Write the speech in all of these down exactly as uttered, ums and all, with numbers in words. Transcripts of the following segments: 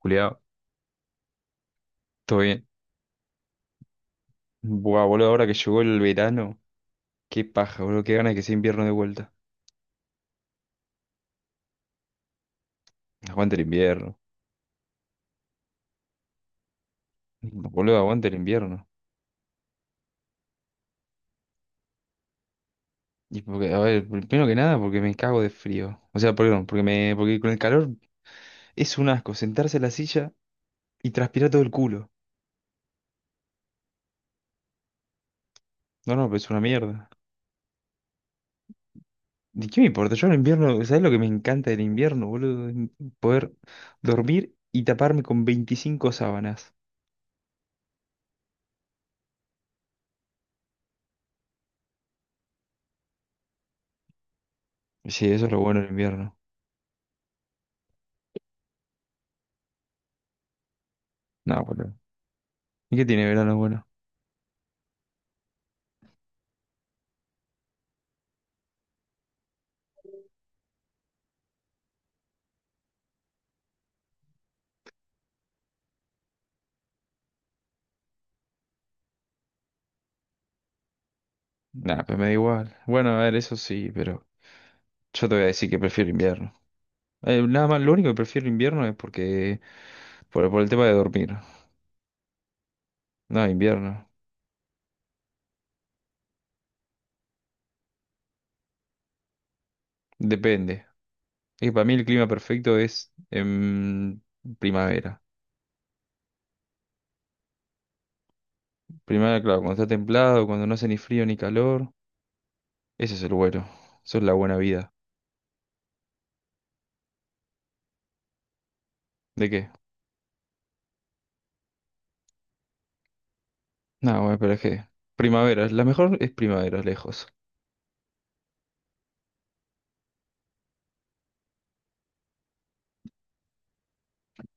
Culiao, todo bien. Buah, boludo, ahora que llegó el verano, qué paja, boludo, qué ganas que sea invierno de vuelta. Aguante el invierno. Boludo, aguante el invierno. Y porque, a ver, primero que nada, porque me cago de frío. O sea, perdón, porque me, porque con el calor es un asco sentarse en la silla y transpirar todo el culo. No, no, pero es una mierda. ¿De qué me importa? Yo en el invierno, ¿sabes lo que me encanta del invierno, boludo? En Poder dormir y taparme con veinticinco sábanas. Sí, eso es lo bueno del invierno. No, boludo. ¿Y qué tiene verano bueno? Nah, pues me da igual. Bueno, a ver, eso sí, pero yo te voy a decir que prefiero invierno. Eh, nada más, lo único que prefiero invierno es porque, por, por el tema de dormir. No, invierno. Depende. Es que para mí el clima perfecto es en primavera. Primavera, claro, cuando está templado, cuando no hace ni frío ni calor. Ese es el bueno. Eso es la buena vida. ¿De qué? No, bueno, pero es que primavera, la mejor es primavera, lejos.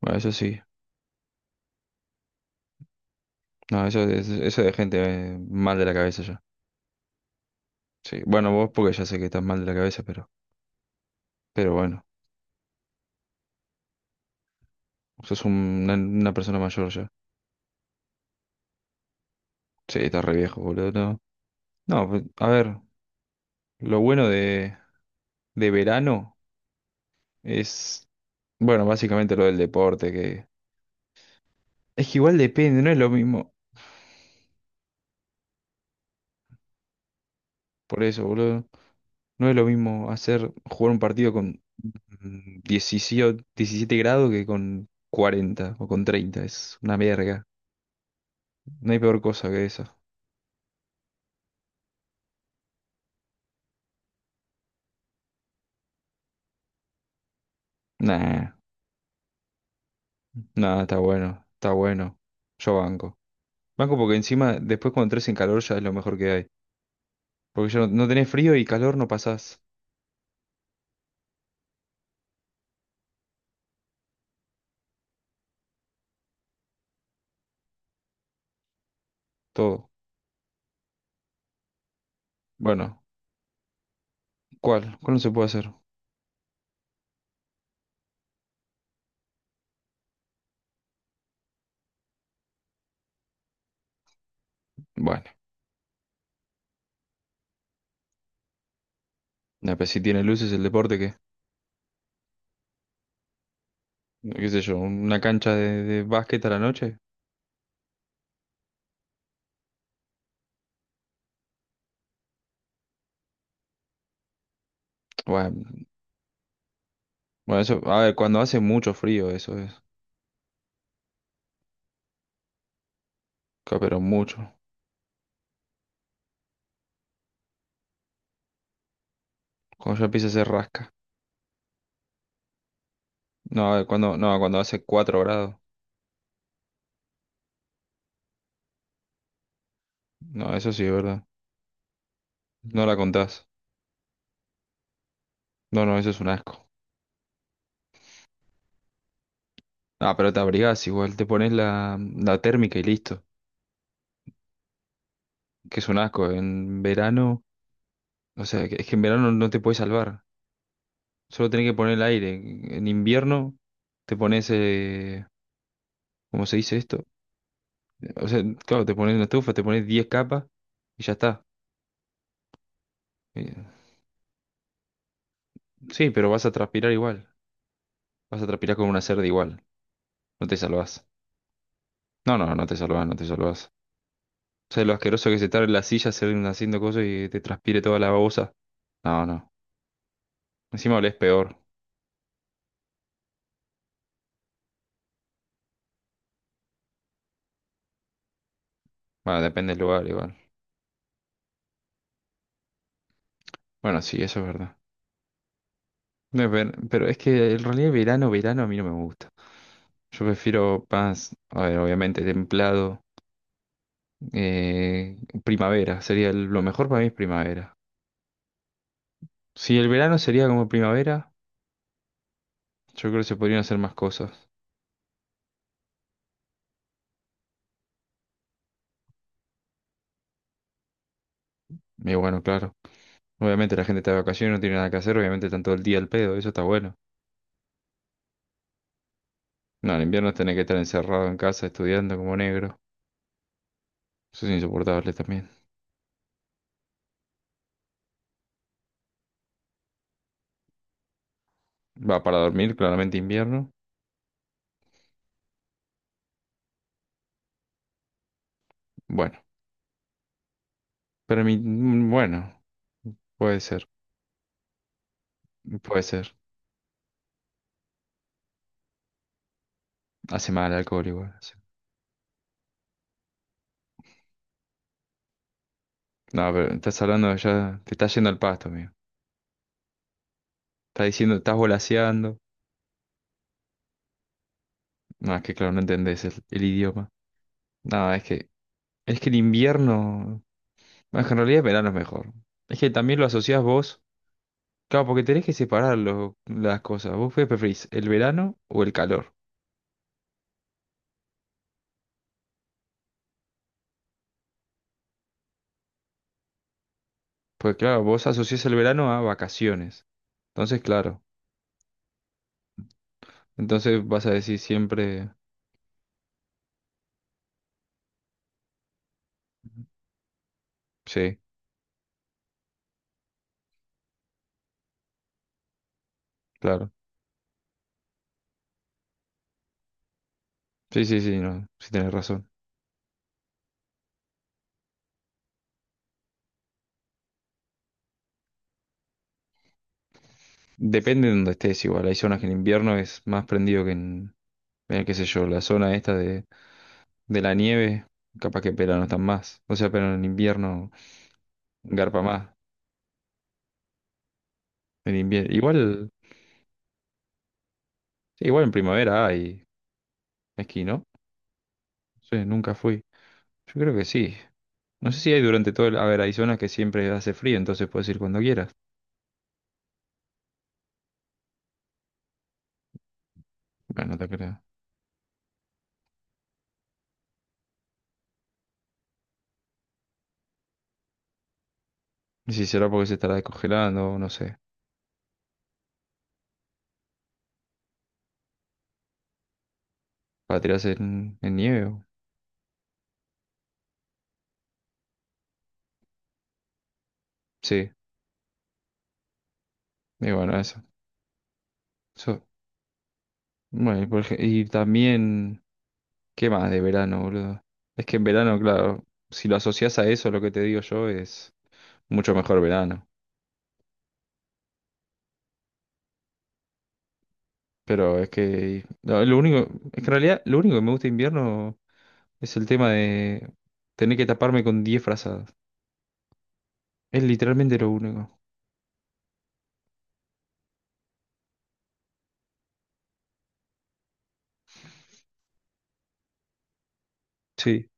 Bueno, eso sí. No, eso, es- eso es de gente eh, mal de la cabeza ya. Sí, bueno, vos porque ya sé que estás mal de la cabeza, pero... Pero bueno, sos un- una, una persona mayor ya. Sí, está re viejo, boludo. No, no, pues, a ver, lo bueno de, de verano es, bueno, básicamente lo del deporte, que es que igual depende, no es lo mismo. Por eso, boludo, no es lo mismo hacer, jugar un partido con mm, diecisiete, diecisiete grados que con cuarenta o con treinta. Es una verga. No hay peor cosa que esa. Nah, nah, está bueno, está bueno. Yo banco. Banco porque encima, después cuando entres en calor ya es lo mejor que hay. Porque yo no, no tenés frío y calor no pasás todo. Bueno, ¿cuál? ¿Cuál no se puede hacer? Bueno, nah, pero si tiene luces el deporte, ¿qué? ¿Qué sé yo? ¿Una cancha de, de básquet a la noche? Bueno, bueno, eso, a ver, cuando hace mucho frío, eso es. Ca- Pero mucho. Cuando ya empieza a hacer rasca. No, a ver, cuando, no, cuando hace cuatro grados. No, eso sí es verdad. No la contás. No, no, eso es un asco. Ah, pero te abrigás igual, te pones la, la térmica y listo. Que es un asco. En verano, o sea, que- es que en verano no te puedes salvar. Solo tenés que poner el aire. En invierno te pones, eh, ¿cómo se dice esto? O sea, claro, te pones una estufa, te pones diez capas y ya está. Eh, Sí, pero vas a transpirar igual. Vas a transpirar como una cerda igual. No te salvás. No, no, no te salvás, no te salvás. O sea, lo asqueroso que es estar en la silla hacer- haciendo cosas y te transpire toda la babosa. No, no. Encima olés peor. Bueno, depende del lugar igual. Bueno, sí, eso es verdad. No es Pero es que en realidad verano, verano a mí no me gusta. Yo prefiero más, a ver, obviamente templado. eh, primavera, sería el- lo mejor para mí es primavera. Si el verano sería como primavera, yo creo que se podrían hacer más cosas. Y bueno, claro. Obviamente la gente está de vacaciones, no tiene nada que hacer, obviamente están todo el día al pedo, eso está bueno. No, en invierno tenés que estar encerrado en casa estudiando como negro. Eso es insoportable también. Va para dormir, claramente invierno. Bueno, pero mi, mm, bueno, puede ser, puede ser. Hace mal el alcohol igual. Sí. No, pero estás hablando ya, te estás yendo al pasto, amigo. Está diciendo, estás volaseando. No, es que claro, no entendés el, el idioma. No, es que, es que, el invierno. No, es que en realidad el verano es mejor. Es que también lo asociás vos. Claro, porque tenés que separar lo- las cosas. ¿Vos qué preferís, el verano o el calor? Porque claro, vos asociás el verano a vacaciones. Entonces, claro. Entonces vas a decir siempre. Sí, claro. Sí, sí, sí, no. Sí tenés razón. Depende de donde estés igual. Hay zonas que en invierno es más prendido que en, en qué sé yo, la zona esta de. de la nieve, capaz que en verano están más. O sea, pero en invierno garpa más. En invierno. Igual, sí, igual en primavera hay esquí, ¿no? Sí, nunca fui. Yo creo que sí. No sé si hay durante todo el. A ver, hay zonas que siempre hace frío, entonces puedes ir cuando quieras. Bueno, no te creo. Y si será porque se estará descongelando, no sé. Para tirarse en, en nieve. o- Sí. Y bueno, eso. Eso. Bueno, y, por ej- y también. ¿Qué más de verano, boludo? Es que en verano, claro, si lo asocias a eso, lo que te digo yo es mucho mejor verano. Pero es que no, lo único, es que en realidad lo único que me gusta de invierno es el tema de tener que taparme con diez frazadas. Es literalmente lo único. Sí,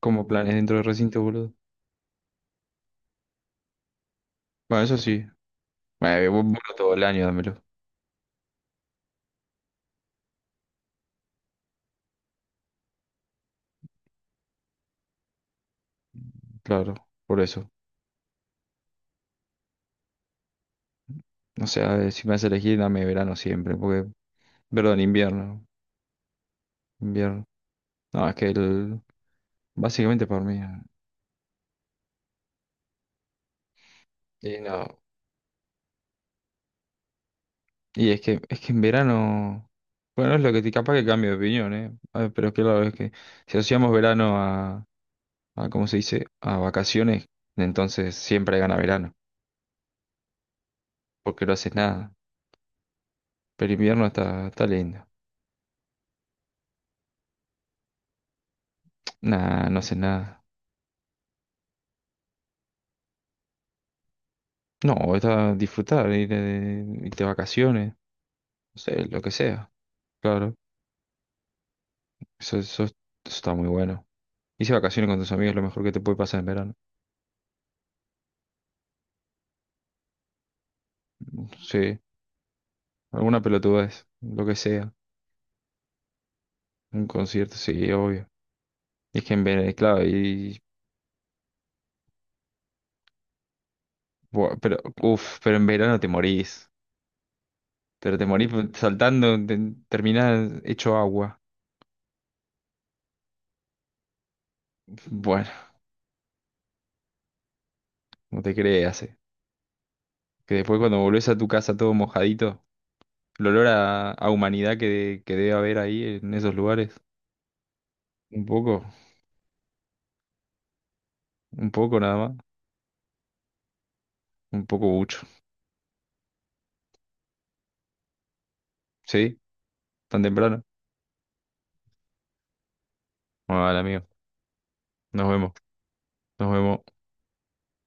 como planes dentro del recinto, boludo. Bueno, eso sí. Bueno, eh, vos- vos todo el año dámelo. Claro, por eso. O sea, si me hace elegir, dame verano siempre, porque, perdón, invierno, invierno. No, es que el, básicamente por mí. Y no. Y es que, es que, en verano, bueno, es lo que te capaz que cambio de opinión, ¿eh? A ver, pero claro, es que si asociamos verano a, a, ¿cómo se dice? A vacaciones, entonces siempre gana verano, porque no haces nada. Pero invierno está, está lindo. Nah, no haces nada. No, está disfrutar, ir de, irte de vacaciones, no sé, lo que sea. Claro, eso, eso, eso está muy bueno. Irse de vacaciones con tus amigos es lo mejor que te puede pasar en verano. Sí, alguna pelotudez, lo que sea. Un concierto, sí, obvio. Es que en verano, claro, y, buah, pero, uff, pero en verano te morís. Pero te morís saltando, te, terminás hecho agua. Bueno, no te creas, eh. Que después cuando volvés a tu casa todo mojadito, el olor a, a humanidad que, que debe haber ahí en esos lugares. Un poco, un poco nada más, un poco mucho. ¿Sí? ¿Tan temprano? Bueno, vale, amigo. Nos vemos, nos vemos.